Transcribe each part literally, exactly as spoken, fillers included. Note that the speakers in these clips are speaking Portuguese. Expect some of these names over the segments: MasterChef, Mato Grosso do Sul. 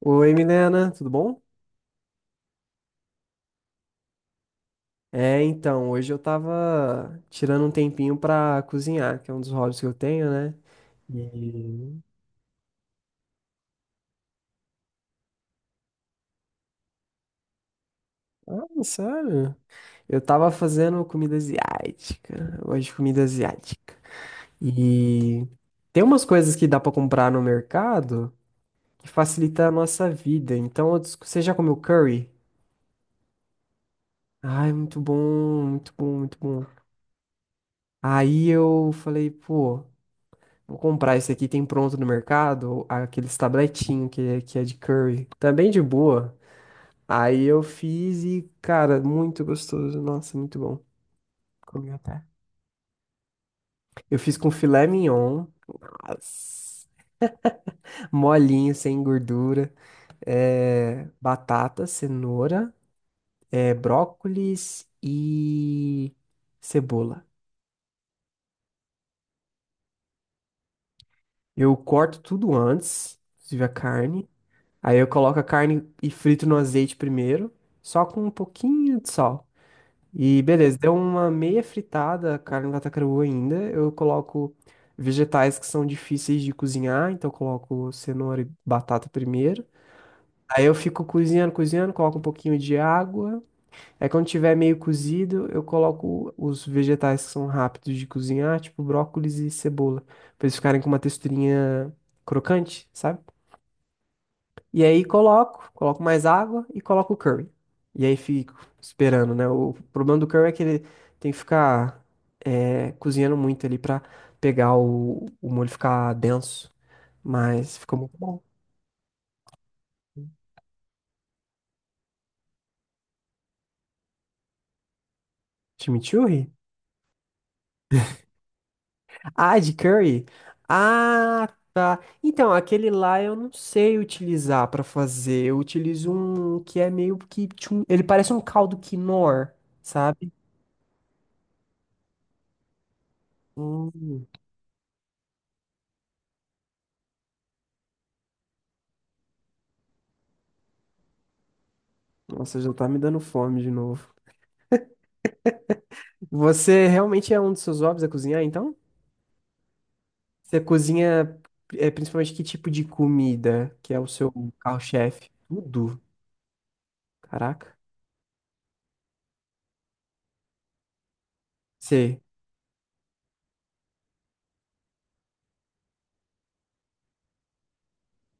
Oi, Milena, tudo bom? É, então, hoje eu tava tirando um tempinho pra cozinhar, que é um dos hobbies que eu tenho, né? E... Ah, sério? Eu tava fazendo comida asiática, hoje comida asiática. E tem umas coisas que dá pra comprar no mercado que facilita a nossa vida. Então, eu dis- você já comeu curry? Ai, muito bom, muito bom, muito bom. Aí eu falei, pô. Vou comprar esse aqui, tem pronto no mercado, aqueles tabletinho que, é- que é de curry, também de boa. Aí eu fiz e, cara, muito gostoso. Nossa, muito bom. Comi até. Eu fiz com filé mignon, nossa, molinho, sem gordura, é, batata, cenoura, é, brócolis e cebola. Eu corto tudo antes, inclusive a carne. Aí eu coloco a carne e frito no azeite primeiro, só com um pouquinho de sal. E beleza, deu uma meia fritada, a carne vai tá crua ainda. Eu coloco vegetais que são difíceis de cozinhar, então eu coloco cenoura e batata primeiro. Aí eu fico cozinhando, cozinhando, coloco um pouquinho de água. Aí quando tiver meio cozido, eu coloco os vegetais que são rápidos de cozinhar, tipo brócolis e cebola, pra eles ficarem com uma texturinha crocante, sabe? E aí coloco, coloco mais água e coloco o curry. E aí fico esperando, né? O problema do curry é que ele tem que ficar é, cozinhando muito ali pra pegar o, o molho ficar denso. Mas ficou muito bom. Chimichurri? Ah, de curry? Ah, tá. Então, aquele lá eu não sei utilizar pra fazer. Eu utilizo um que é meio que... tchum- Ele parece um caldo quinoa, sabe? Hum, nossa, já tá me dando fome de novo. Você realmente é um dos seus hobbies a cozinhar, então? Você cozinha é, principalmente que tipo de comida que é o seu carro-chefe? Tudo. Caraca. Você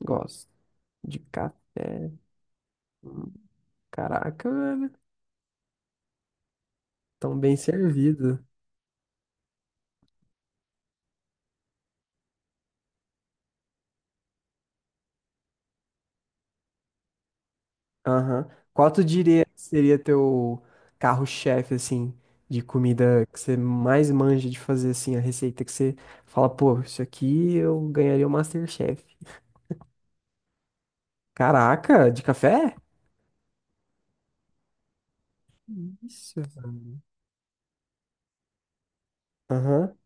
gosta de café? Caraca, velho. Tão bem servido. Aham. Qual tu diria que seria teu carro-chefe, assim, de comida que você mais manja de fazer, assim, a receita que você fala, pô, isso aqui eu ganharia o MasterChef. Caraca, de café? Isso. Aham.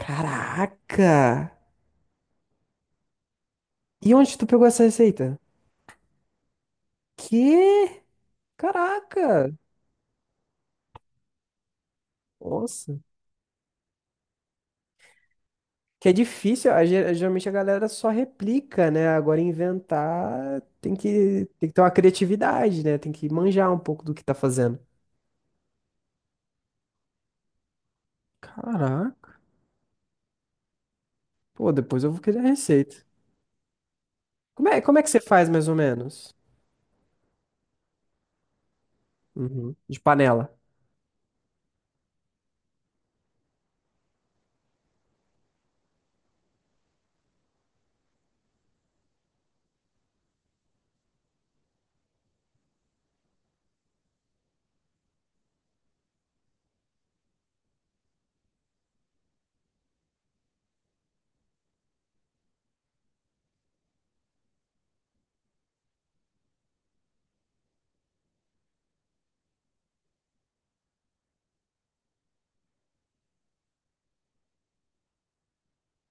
Caraca! E onde tu pegou essa receita? Que? Caraca! Nossa! Que é difícil, a ge- geralmente a galera só replica, né? Agora inventar tem que, tem que ter uma criatividade, né? Tem que manjar um pouco do que tá fazendo. Caraca! Pô, depois eu vou querer a receita. Como é, como é que você faz mais ou menos? Uhum. De panela.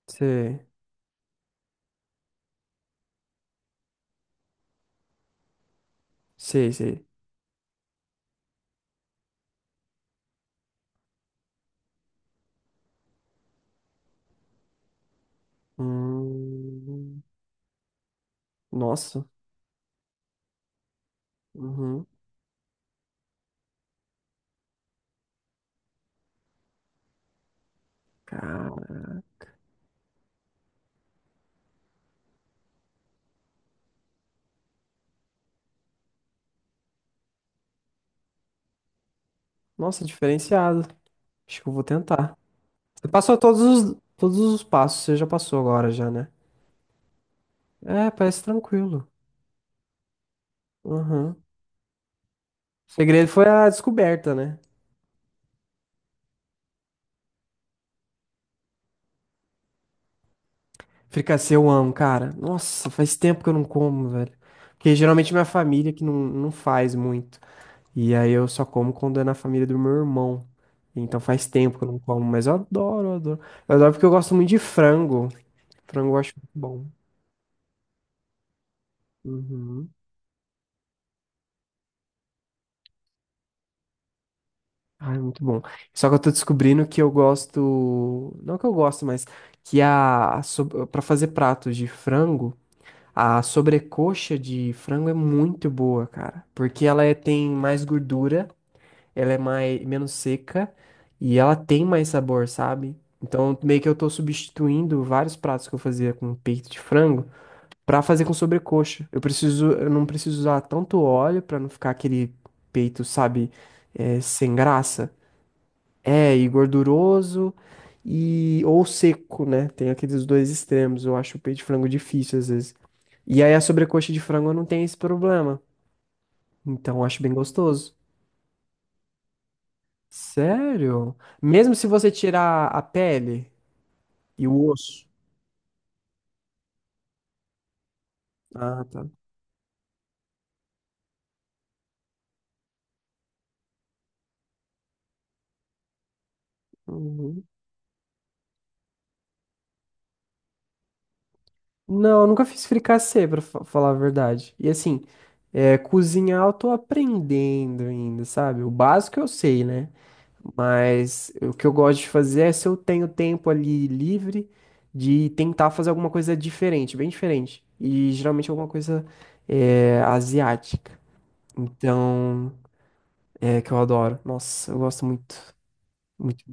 Sei, sei, sei. Hum, nossa. Uhum. Cara, nossa, diferenciado. Acho que eu vou tentar. Você passou todos os, todos os passos, você já passou agora já, né? É, parece tranquilo. Uhum. O segredo foi a descoberta, né? Fricassê eu amo, cara. Nossa, faz tempo que eu não como, velho. Porque geralmente minha família que não, não faz muito. E aí eu só como quando é na família do meu irmão. Então faz tempo que eu não como, mas eu adoro, eu adoro. Eu adoro porque eu gosto muito de frango. Frango eu acho muito bom. Uhum. Ai, muito bom. Só que eu tô descobrindo que eu gosto, não que eu gosto, mas que a, para fazer pratos de frango, a sobrecoxa de frango é muito boa, cara, porque ela é- tem mais gordura, ela é mais menos seca e ela tem mais sabor, sabe? Então, meio que eu tô substituindo vários pratos que eu fazia com peito de frango pra fazer com sobrecoxa. Eu preciso, eu não preciso usar tanto óleo pra não ficar aquele peito, sabe, eh, sem graça. É, e gorduroso e ou seco, né? Tem aqueles dois extremos. Eu acho o peito de frango difícil às vezes. E aí a sobrecoxa de frango não tem esse problema. Então eu acho bem gostoso. Sério? Mesmo se você tirar a pele e o osso. Ah, tá. Uhum. Não, eu nunca fiz fricassê, pra fa- falar a verdade. E assim, é, cozinhar eu tô aprendendo ainda, sabe? O básico eu sei, né? Mas o que eu gosto de fazer é se eu tenho tempo ali livre de tentar fazer alguma coisa diferente, bem diferente. E geralmente é alguma coisa é, asiática. Então, é que eu adoro. Nossa, eu gosto muito, muito.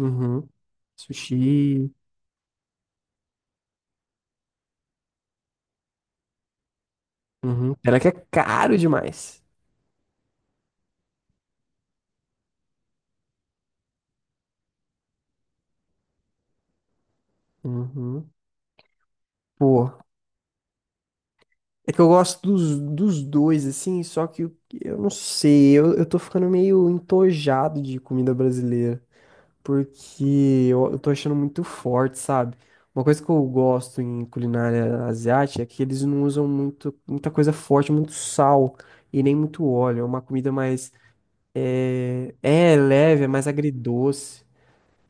Uhum. Sushi. Uhum. Pena que é caro demais. Uhum. Pô, é que eu gosto dos, dos dois, assim, só que eu, eu não sei, eu, eu tô ficando meio entojado de comida brasileira. Porque eu, eu tô achando muito forte, sabe? Uma coisa que eu gosto em culinária asiática é que eles não usam muito, muita coisa forte, muito sal e nem muito óleo. É uma comida mais, é, é leve, é mais agridoce.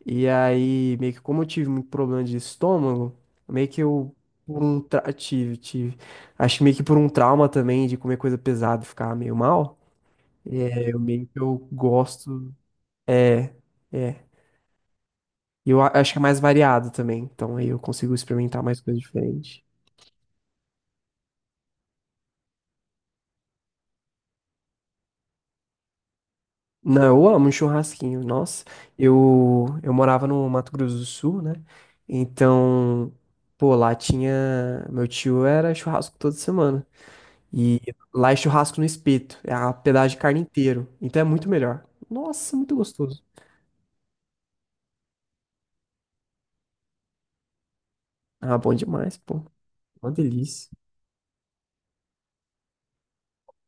E aí, meio que como eu tive muito problema de estômago, meio que eu por um tra- tive, tive. Acho que meio que por um trauma também de comer coisa pesada e ficar meio mal. É, eu meio que eu gosto. É. É. E eu a- acho que é mais variado também. Então aí eu consigo experimentar mais coisas diferentes. Não, eu amo um churrasquinho. Nossa, eu, eu morava no Mato Grosso do Sul, né? Então, pô, lá tinha. Meu tio era churrasco toda semana. E lá é churrasco no espeto. É a pedaço de carne inteiro. Então é muito melhor. Nossa, muito gostoso. Ah, bom demais, pô. Uma delícia.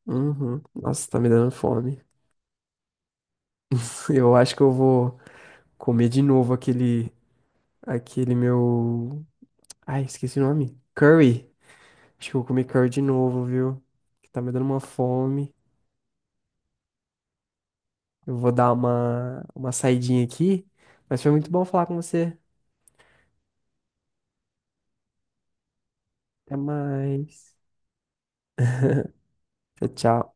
Uhum. Nossa, tá me dando fome. Eu acho que eu vou comer de novo aquele, aquele meu Ai, esqueci o nome. Curry. Acho que eu vou comer curry de novo, viu? Que tá me dando uma fome. Eu vou dar uma, uma saidinha aqui. Mas foi muito bom falar com você. Até mais. Tchau, tchau.